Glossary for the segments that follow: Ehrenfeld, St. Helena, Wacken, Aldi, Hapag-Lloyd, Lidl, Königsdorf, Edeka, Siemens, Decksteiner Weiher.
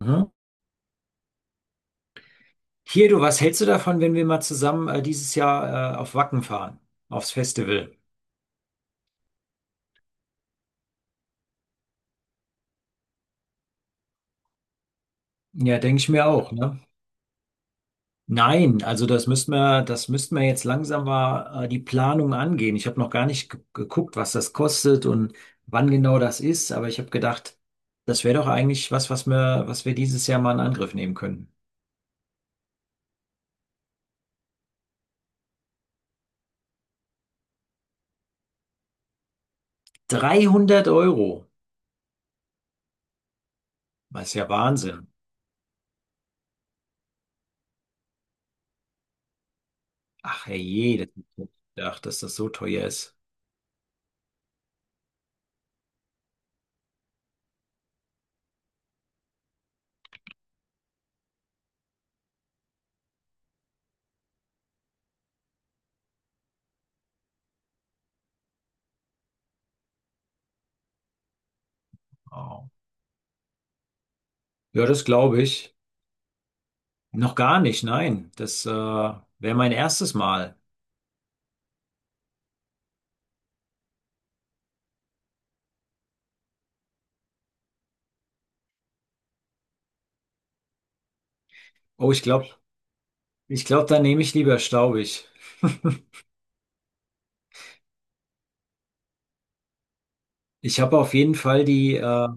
Mhm. Hier, du, was hältst du davon, wenn wir mal zusammen dieses Jahr auf Wacken fahren, aufs Festival? Ja, denke ich mir auch, ne? Nein, also das müssten wir jetzt langsam mal die Planung angehen. Ich habe noch gar nicht geguckt, was das kostet und wann genau das ist, aber ich habe gedacht, das wäre doch eigentlich was, was wir dieses Jahr mal in Angriff nehmen können. 300 Euro, das ist ja Wahnsinn. Ach herrje, das- ich hab gedacht, dass das so teuer ist. Oh. Ja, das glaube ich. Noch gar nicht, nein. Das wäre mein erstes Mal. Oh, ich glaube, dann nehme ich lieber staubig. Ich habe auf jeden Fall die,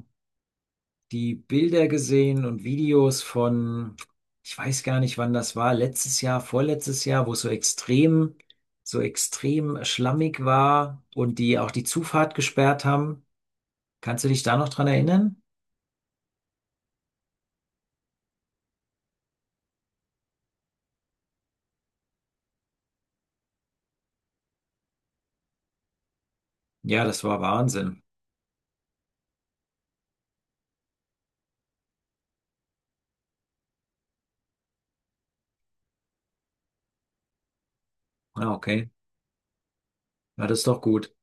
die Bilder gesehen und Videos von, ich weiß gar nicht, wann das war, letztes Jahr, vorletztes Jahr, wo es so extrem schlammig war und die auch die Zufahrt gesperrt haben. Kannst du dich da noch dran erinnern? Ja, das war Wahnsinn. Ah, okay. Na, das ist doch gut.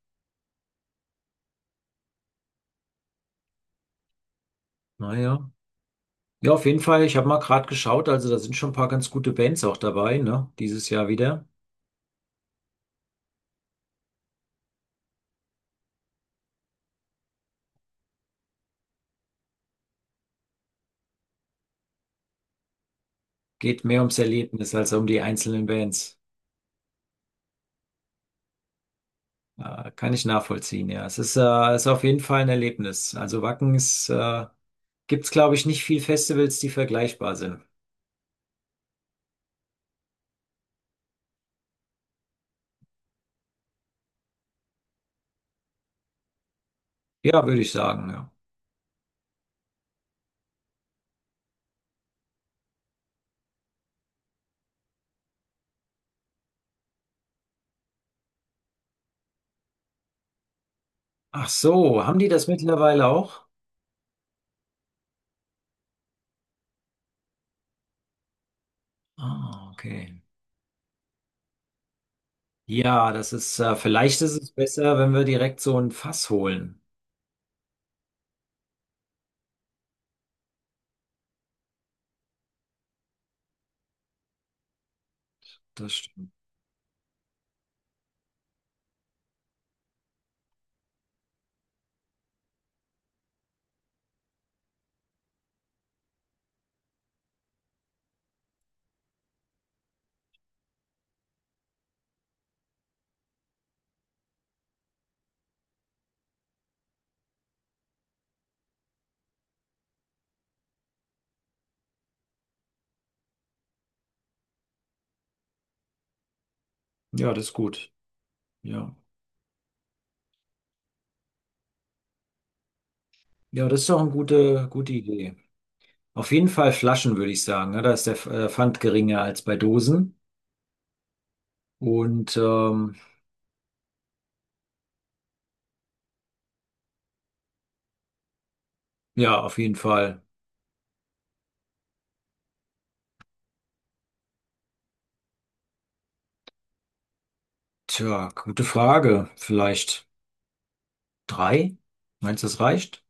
Naja. Ja, auf jeden Fall. Ich habe mal gerade geschaut, also da sind schon ein paar ganz gute Bands auch dabei, ne? Dieses Jahr wieder. Geht mehr ums Erlebnis als um die einzelnen Bands. Kann ich nachvollziehen, ja. Ist auf jeden Fall ein Erlebnis. Also Wacken ist, gibt's, glaube ich, nicht viel Festivals, die vergleichbar sind. Ja, würde ich sagen, ja. Ach so, haben die das mittlerweile auch? Ah, okay. Ja, das ist, vielleicht ist es besser, wenn wir direkt so ein Fass holen. Das stimmt. Ja, das ist gut. Ja. Ja, das ist doch eine gute Idee. Auf jeden Fall Flaschen, würde ich sagen, ne? Da ist der Pfand geringer als bei Dosen. Und ja, auf jeden Fall. Tja, gute Frage. Vielleicht drei? Meinst du, das reicht?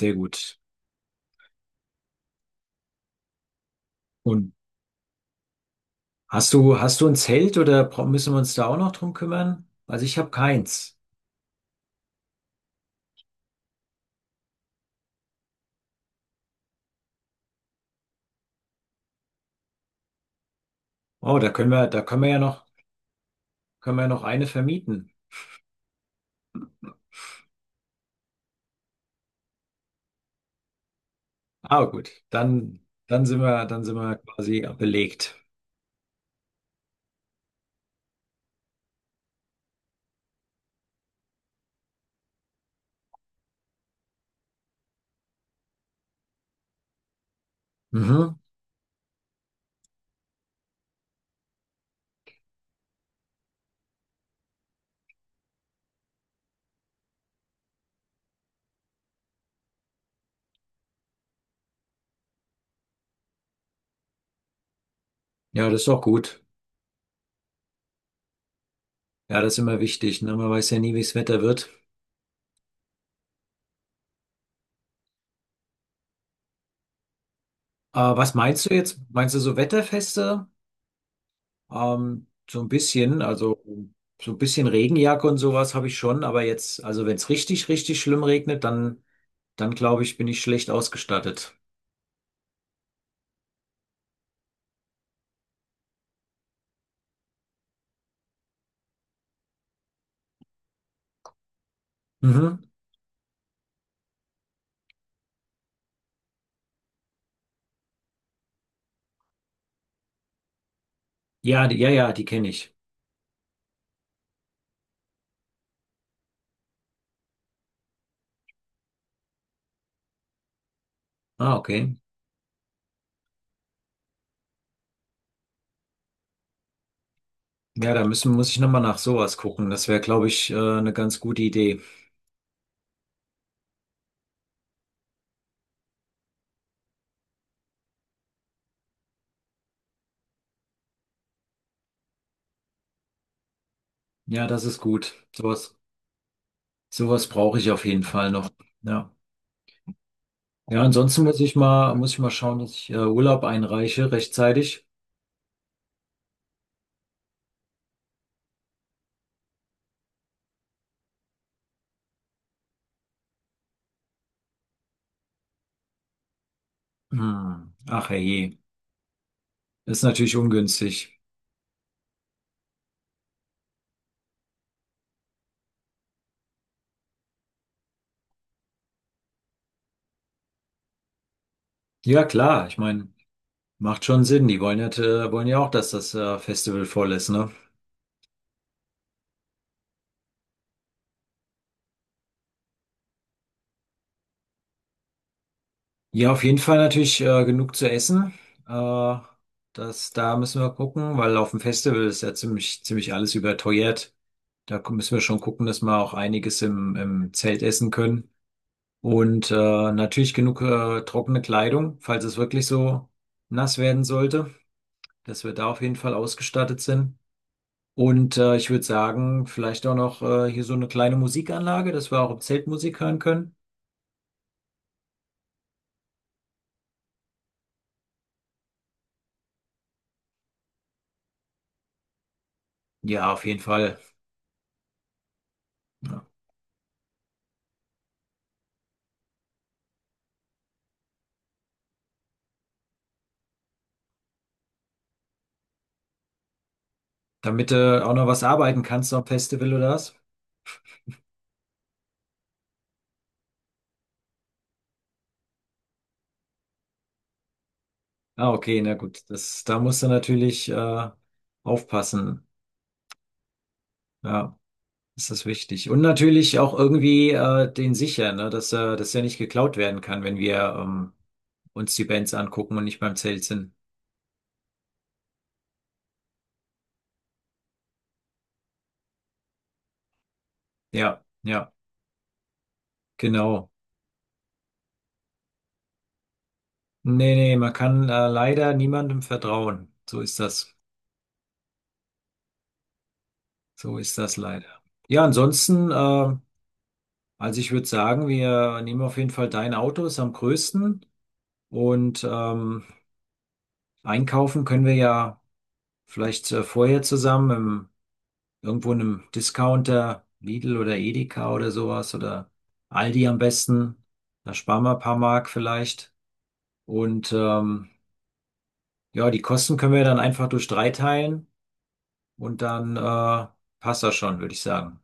Sehr gut. Und hast du ein Zelt oder müssen wir uns da auch noch drum kümmern? Also ich habe keins. Oh, da können wir ja noch, können wir ja noch eine vermieten. Ah, gut. Dann, dann sind wir quasi belegt. Mhm. Ja, das ist doch gut. Ja, das ist immer wichtig, ne? Man weiß ja nie, wie das Wetter wird. Was meinst du jetzt? Meinst du so Wetterfeste? So ein bisschen, also so ein bisschen Regenjacke und sowas habe ich schon, aber jetzt, also wenn es richtig, richtig schlimm regnet, dann, dann glaube ich, bin ich schlecht ausgestattet. Mhm. Ja, die kenne ich. Ah, okay. Ja, muss ich nochmal nach sowas gucken. Das wäre, glaube ich, eine ganz gute Idee. Ja, das ist gut. Sowas brauche ich auf jeden Fall noch. Ja. Ja, ansonsten muss ich mal schauen, dass ich Urlaub einreiche rechtzeitig. Hm. Ach herrje, ist natürlich ungünstig. Ja, klar, ich meine, macht schon Sinn. Wollen ja auch, dass das Festival voll ist, ne? Ja, auf jeden Fall natürlich genug zu essen. Äh, Das, da müssen wir gucken, weil auf dem Festival ist ja ziemlich alles überteuert. Da müssen wir schon gucken, dass wir auch einiges im Zelt essen können. Und natürlich genug trockene Kleidung, falls es wirklich so nass werden sollte, dass wir da auf jeden Fall ausgestattet sind. Und ich würde sagen, vielleicht auch noch hier so eine kleine Musikanlage, dass wir auch im Zelt Musik hören können. Ja, auf jeden Fall. Ja. Damit du auch noch was arbeiten kannst am Festival oder was? Ah, okay, na gut. Das, da musst du natürlich aufpassen. Ja. Das ist wichtig. Und natürlich auch irgendwie den sichern, ne? Dass, dass er nicht geklaut werden kann, wenn wir uns die Bands angucken und nicht beim Zelt sind. Ja, ja, genau. Nee, nee, man kann leider niemandem vertrauen. So ist das. So ist das leider. Ja, ansonsten, also ich würde sagen, wir nehmen auf jeden Fall dein Auto, ist am größten. Und einkaufen können wir ja vielleicht vorher zusammen irgendwo in einem Discounter, Lidl oder Edeka oder sowas oder Aldi am besten. Da sparen wir ein paar Mark vielleicht. Und ja, die Kosten können wir dann einfach durch drei teilen und dann passt das schon, würde ich sagen.